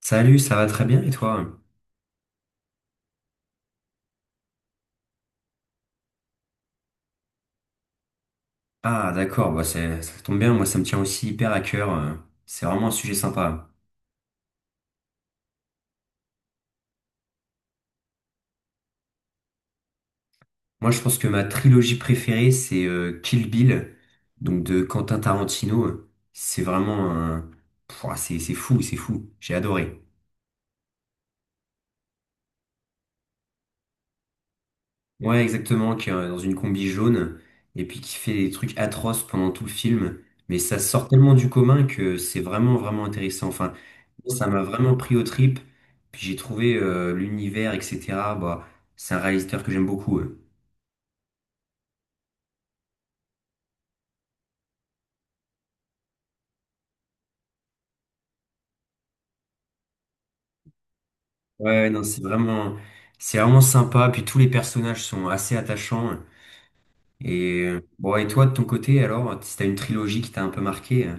Salut, ça va très bien et toi? Ah d'accord, ça tombe bien, moi ça me tient aussi hyper à cœur, c'est vraiment un sujet sympa. Moi je pense que ma trilogie préférée c'est Kill Bill, donc de Quentin Tarantino. C'est vraiment un... Pouah, c'est fou, c'est fou, j'ai adoré. Ouais, exactement, qui est dans une combi jaune, et puis qui fait des trucs atroces pendant tout le film. Mais ça sort tellement du commun que c'est vraiment, vraiment intéressant. Enfin, moi, ça m'a vraiment pris aux tripes. Puis j'ai trouvé l'univers, etc. Bah, c'est un réalisateur que j'aime beaucoup. Ouais, ouais, non, c'est vraiment sympa. Puis tous les personnages sont assez attachants. Et bon, et toi, de ton côté, alors, si t'as une trilogie qui t'a un peu marqué,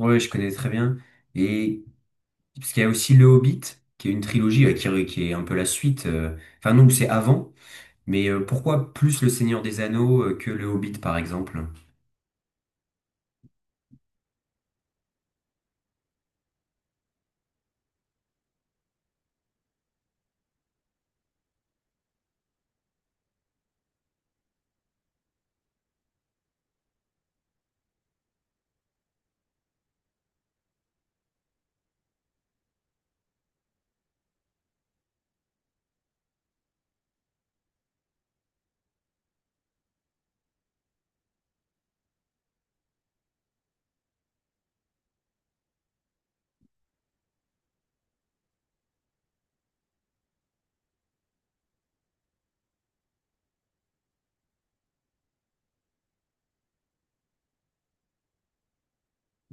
ouais, je connais très bien. Et parce qu'il y a aussi Le Hobbit, qui est une trilogie, qui est un peu la suite. Enfin non, c'est avant. Mais pourquoi plus Le Seigneur des Anneaux que Le Hobbit, par exemple?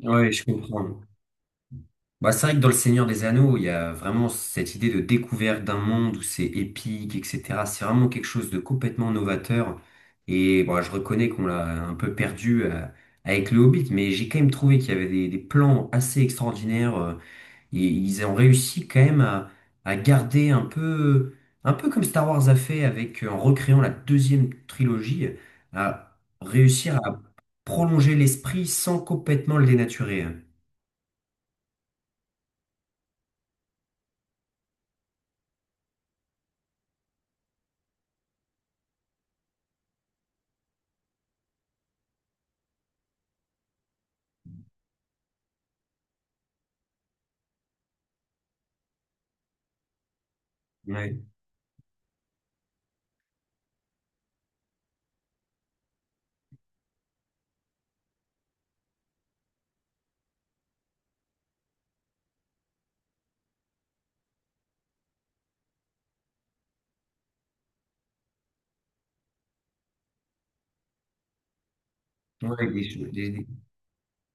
Ouais, je comprends. Bah, c'est vrai que dans Le Seigneur des Anneaux, il y a vraiment cette idée de découverte d'un monde où c'est épique, etc. C'est vraiment quelque chose de complètement novateur. Et bon, je reconnais qu'on l'a un peu perdu avec Le Hobbit, mais j'ai quand même trouvé qu'il y avait des plans assez extraordinaires. Ils ont réussi quand même à garder un peu comme Star Wars a fait avec, en recréant la deuxième trilogie, à réussir à prolonger l'esprit sans complètement le dénaturer. Ouais, Ouais,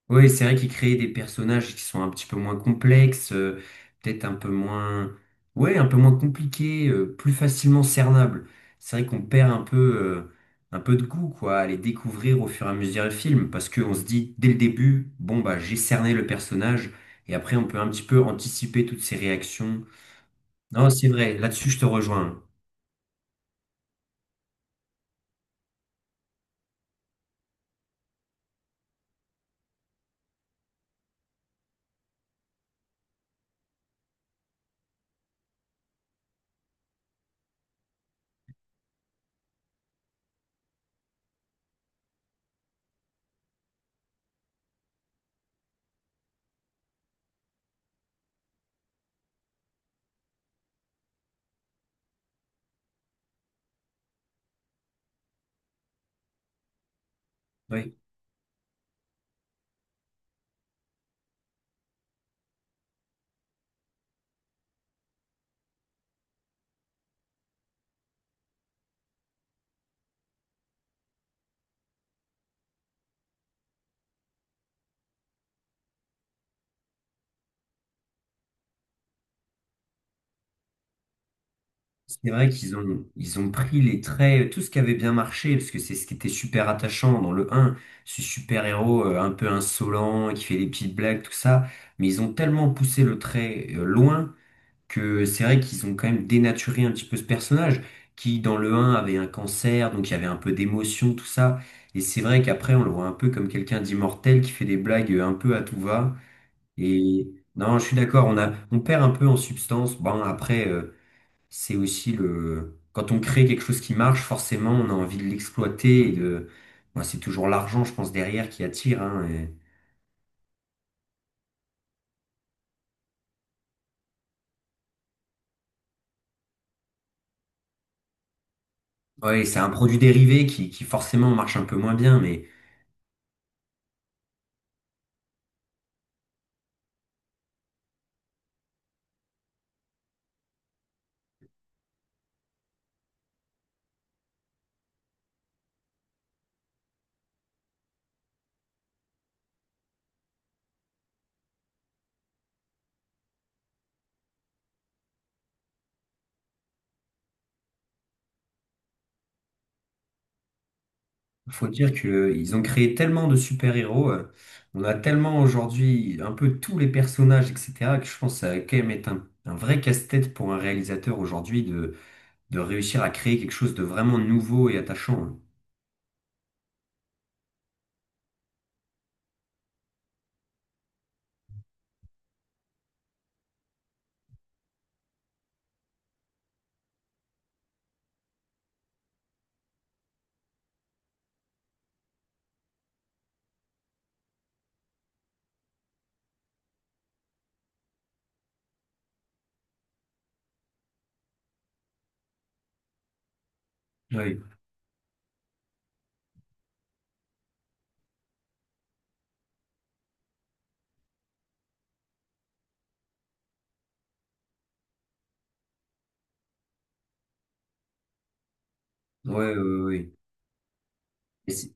oui, c'est vrai qu'ils créent des personnages qui sont un petit peu moins complexes, peut-être un peu moins, ouais, un peu moins compliqués, plus facilement cernables. C'est vrai qu'on perd un peu de goût, quoi, à les découvrir au fur et à mesure du film, parce qu'on se dit dès le début, bon bah j'ai cerné le personnage, et après on peut un petit peu anticiper toutes ses réactions. Non, c'est vrai, là-dessus je te rejoins. Oui. C'est vrai qu'ils ont, ils ont pris les traits, tout ce qui avait bien marché, parce que c'est ce qui était super attachant dans le un, ce super-héros un peu insolent, qui fait des petites blagues, tout ça, mais ils ont tellement poussé le trait loin que c'est vrai qu'ils ont quand même dénaturé un petit peu ce personnage, qui dans le un avait un cancer, donc il y avait un peu d'émotion, tout ça, et c'est vrai qu'après on le voit un peu comme quelqu'un d'immortel qui fait des blagues un peu à tout va, et non, je suis d'accord, on a, on perd un peu en substance, bon après... c'est aussi le... Quand on crée quelque chose qui marche, forcément, on a envie de l'exploiter et de... Moi, c'est toujours l'argent, je pense, derrière qui attire. Hein, et- Ouais, c'est un produit dérivé qui forcément marche un peu moins bien, mais faut dire que ils ont créé tellement de super-héros. On a tellement aujourd'hui un peu tous les personnages, etc., que je pense que ça va quand même être un vrai casse-tête pour un réalisateur aujourd'hui de réussir à créer quelque chose de vraiment nouveau et attachant, hein. Oui, ouais, ouais, ouais. Ouais.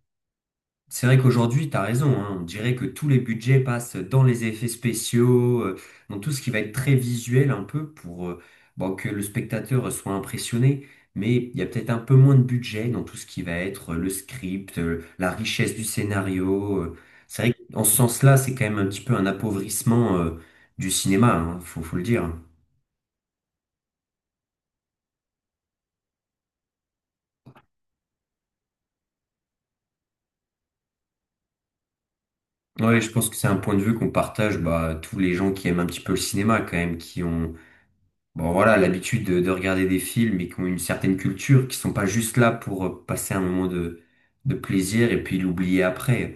C'est vrai qu'aujourd'hui, tu as raison, hein. On dirait que tous les budgets passent dans les effets spéciaux, dans tout ce qui va être très visuel un peu pour bon, que le spectateur soit impressionné, mais il y a peut-être un peu moins de budget dans tout ce qui va être le script, la richesse du scénario. C'est vrai qu'en ce sens-là, c'est quand même un petit peu un appauvrissement du cinéma, hein, faut, faut le dire. Ouais, je pense que c'est un point de vue qu'on partage bah, tous les gens qui aiment un petit peu le cinéma quand même, qui ont bon voilà, l'habitude de regarder des films et qui ont une certaine culture, qui sont pas juste là pour passer un moment de plaisir et puis l'oublier après.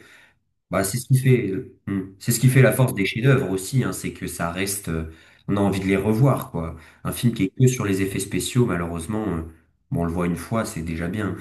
Bah c'est ce qui fait, c'est ce qui fait la force des chefs-d'œuvre aussi, hein, c'est que ça reste, on a envie de les revoir, quoi. Un film qui est que sur les effets spéciaux, malheureusement, bon on le voit une fois, c'est déjà bien.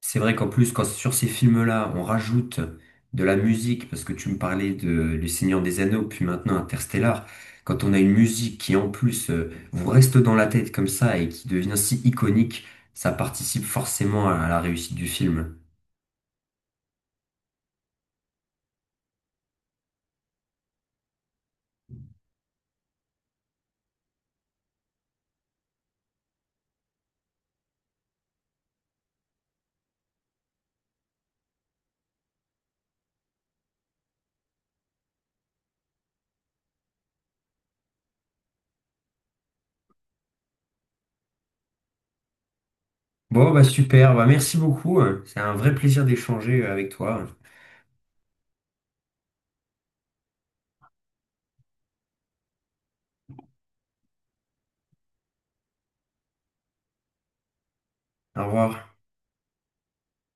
C'est vrai qu'en plus, quand sur ces films-là, on rajoute de la musique, parce que tu me parlais de Le Seigneur des Anneaux, puis maintenant Interstellar, quand on a une musique qui en plus vous reste dans la tête comme ça et qui devient si iconique, ça participe forcément à la réussite du film. Bon, bah super, bah merci beaucoup, hein, c'est un vrai plaisir d'échanger avec toi. Au revoir.